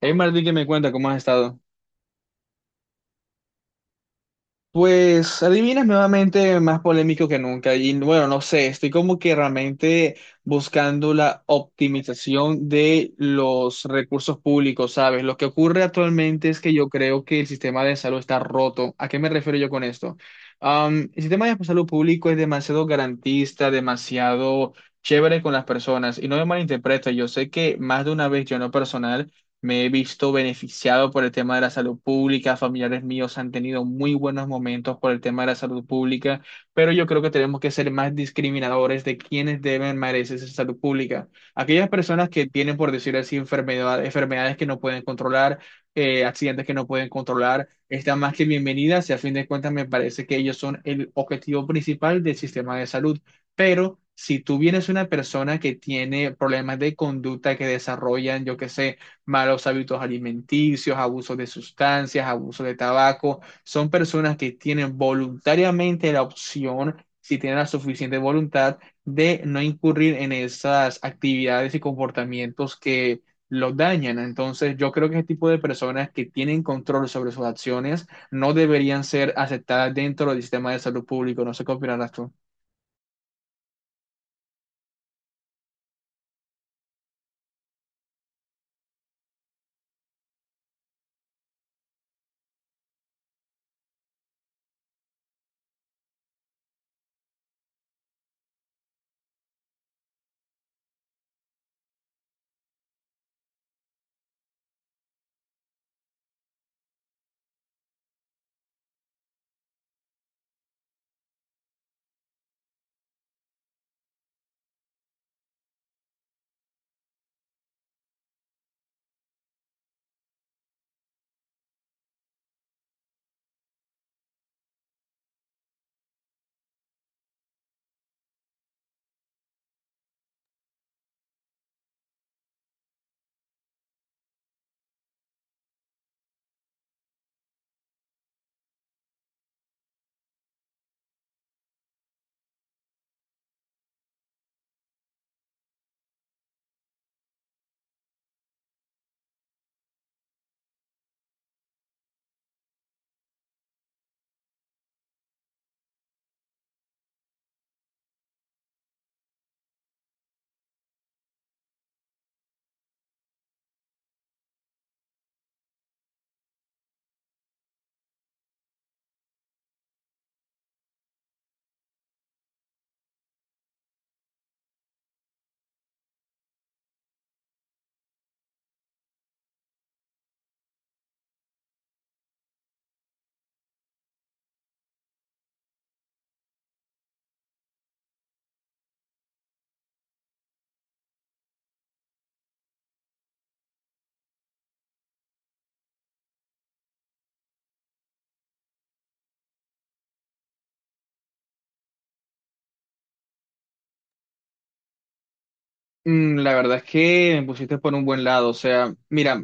Hey, Martín, que me cuenta? ¿Cómo has estado? Pues adivinas nuevamente más polémico que nunca. Y bueno, no sé, estoy como que realmente buscando la optimización de los recursos públicos, ¿sabes? Lo que ocurre actualmente es que yo creo que el sistema de salud está roto. ¿A qué me refiero yo con esto? El sistema de salud público es demasiado garantista, demasiado chévere con las personas. Y no me malinterpretes, yo sé que más de una vez yo no personal me he visto beneficiado por el tema de la salud pública, familiares míos han tenido muy buenos momentos por el tema de la salud pública, pero yo creo que tenemos que ser más discriminadores de quienes deben merecerse esa salud pública. Aquellas personas que tienen, por decir así, enfermedades que no pueden controlar, accidentes que no pueden controlar, están más que bienvenidas y a fin de cuentas me parece que ellos son el objetivo principal del sistema de salud. Pero si tú vienes una persona que tiene problemas de conducta que desarrollan, yo qué sé, malos hábitos alimenticios, abuso de sustancias, abuso de tabaco. Son personas que tienen voluntariamente la opción, si tienen la suficiente voluntad, de no incurrir en esas actividades y comportamientos que los dañan. Entonces, yo creo que ese tipo de personas que tienen control sobre sus acciones no deberían ser aceptadas dentro del sistema de salud público. No sé qué opinarás tú. Mm, la verdad es que me pusiste por un buen lado. O sea, mira,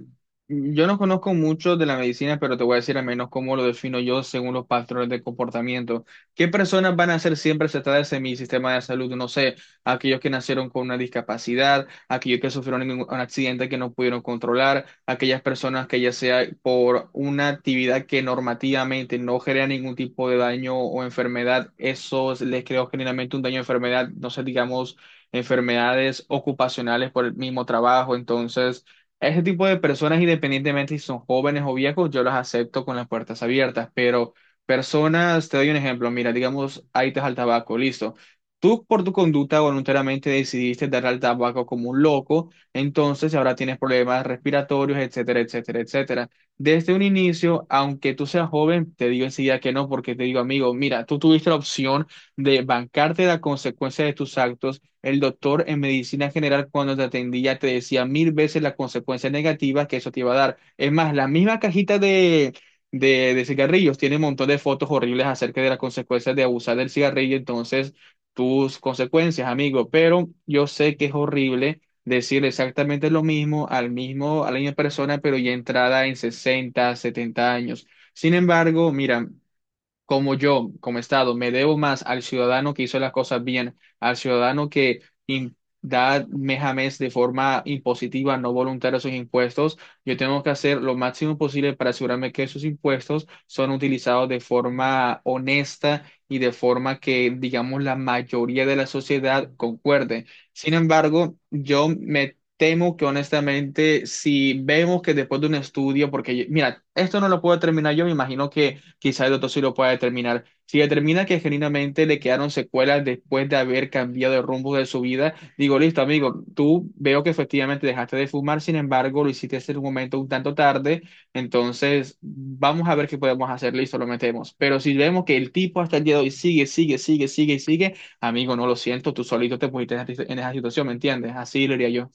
yo no conozco mucho de la medicina, pero te voy a decir al menos cómo lo defino yo según los patrones de comportamiento. ¿Qué personas van a ser siempre aceptadas en mi sistema de salud? No sé, aquellos que nacieron con una discapacidad, aquellos que sufrieron en un accidente que no pudieron controlar, aquellas personas que ya sea por una actividad que normativamente no genera ningún tipo de daño o enfermedad, eso les creo generalmente un daño o enfermedad, no sé, digamos enfermedades ocupacionales por el mismo trabajo. Entonces, a ese tipo de personas, independientemente si son jóvenes o viejos, yo las acepto con las puertas abiertas. Pero personas, te doy un ejemplo, mira, digamos, ahí te al tabaco, listo. Tú por tu conducta voluntariamente decidiste dar al tabaco como un loco, entonces ahora tienes problemas respiratorios, etcétera, etcétera, etcétera. Desde un inicio, aunque tú seas joven, te digo enseguida que no, porque te digo, amigo, mira, tú tuviste la opción de bancarte la consecuencia de tus actos. El doctor en medicina general cuando te atendía te decía 1000 veces las consecuencias negativas que eso te iba a dar. Es más, la misma cajita de cigarrillos tiene un montón de fotos horribles acerca de las consecuencias de abusar del cigarrillo, entonces tus consecuencias, amigo. Pero yo sé que es horrible decir exactamente lo mismo al mismo, a la misma persona, pero ya entrada en 60, 70 años. Sin embargo, mira, como yo, como Estado, me debo más al ciudadano que hizo las cosas bien, al ciudadano que in- da mes a mes de forma impositiva, no voluntaria sus impuestos, yo tengo que hacer lo máximo posible para asegurarme que esos impuestos son utilizados de forma honesta y de forma que, digamos, la mayoría de la sociedad concuerde. Sin embargo, yo me... temo que honestamente, si vemos que después de un estudio, porque mira, esto no lo puedo terminar yo, me imagino que quizá el doctor sí lo pueda determinar. Si determina que genuinamente le quedaron secuelas después de haber cambiado el rumbo de su vida, digo, listo, amigo, tú veo que efectivamente dejaste de fumar, sin embargo, lo hiciste en un momento un tanto tarde, entonces vamos a ver qué podemos hacer, listo, lo metemos. Pero si vemos que el tipo hasta el día de hoy sigue, sigue, sigue, sigue y sigue, amigo, no lo siento, tú solito te pusiste en esa situación, ¿me entiendes? Así lo diría yo.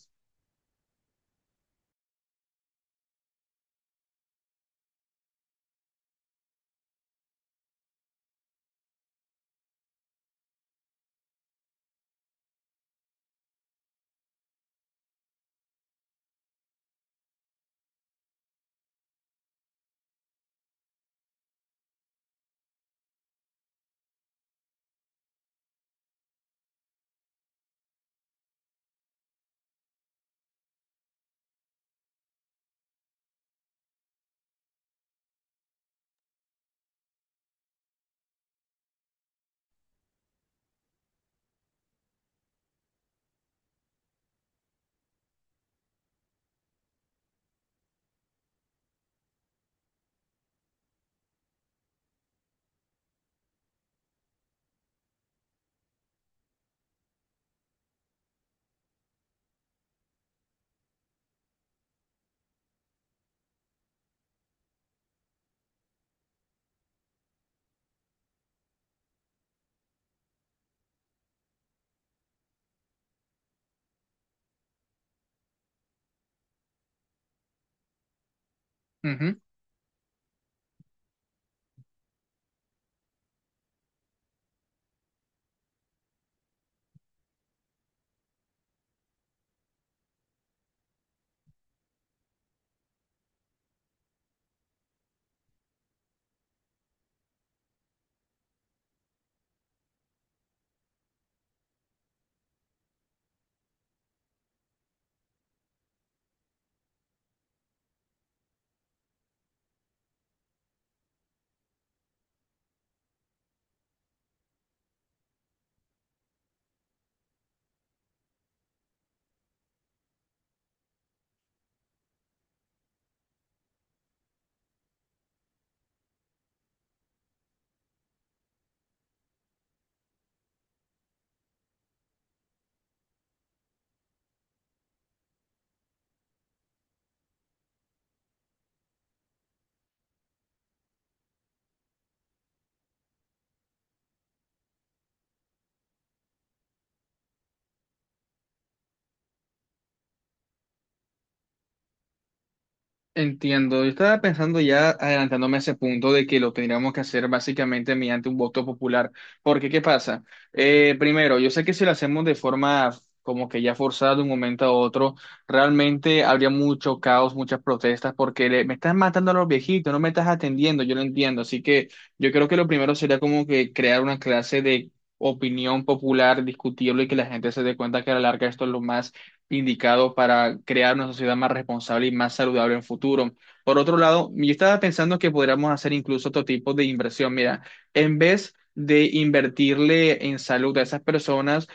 Entiendo, yo estaba pensando ya adelantándome a ese punto de que lo tendríamos que hacer básicamente mediante un voto popular. Porque, ¿qué pasa? Primero, yo sé que si lo hacemos de forma como que ya forzada de un momento a otro, realmente habría mucho caos, muchas protestas, porque me estás matando a los viejitos, no me estás atendiendo, yo lo entiendo. Así que yo creo que lo primero sería como que crear una clase de opinión popular, discutirlo y que la gente se dé cuenta que a la larga esto es lo más indicado para crear una sociedad más responsable y más saludable en futuro. Por otro lado, yo estaba pensando que podríamos hacer incluso otro tipo de inversión. Mira, en vez de invertirle en salud a esas personas,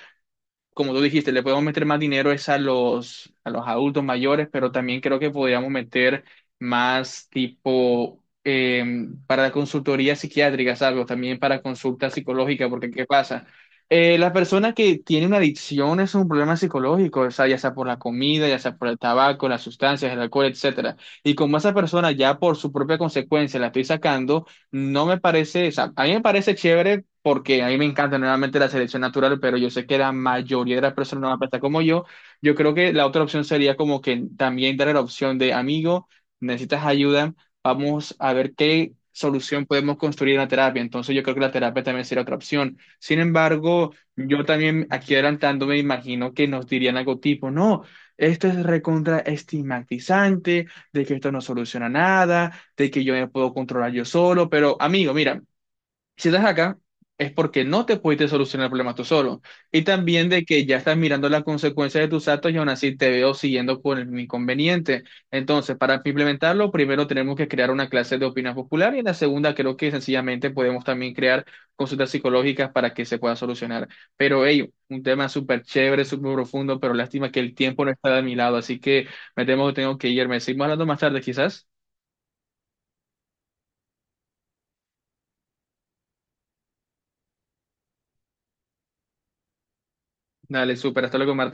como tú dijiste, le podemos meter más dinero es a los adultos mayores, pero también creo que podríamos meter más tipo para la consultoría psiquiátrica, algo también para consulta psicológica, porque ¿qué pasa? Las personas que tienen una adicción es un problema psicológico, o sea, ya sea por la comida, ya sea por el tabaco, las sustancias, el alcohol, etcétera. Y como esa persona ya por su propia consecuencia la estoy sacando, no me parece, o sea, a mí me parece chévere porque a mí me encanta nuevamente la selección natural, pero yo sé que la mayoría de las personas no van a pensar como yo. Yo creo que la otra opción sería como que también dar la opción de amigo, necesitas ayuda, vamos a ver qué solución podemos construir en la terapia. Entonces yo creo que la terapia también sería otra opción. Sin embargo, yo también aquí adelantando me imagino que nos dirían algo tipo, no, esto es recontra estigmatizante, de que esto no soluciona nada, de que yo me puedo controlar yo solo, pero amigo, mira, si estás acá es porque no te pudiste solucionar el problema tú solo. Y también de que ya estás mirando las consecuencias de tus actos y aún así te veo siguiendo por el inconveniente. Entonces, para implementarlo, primero tenemos que crear una clase de opinión popular y en la segunda creo que sencillamente podemos también crear consultas psicológicas para que se pueda solucionar. Pero, hey, un tema súper chévere, súper profundo, pero lástima que el tiempo no está de mi lado, así que me temo que tengo que irme. Seguimos hablando más tarde, quizás. Dale, súper, hasta luego, Marta.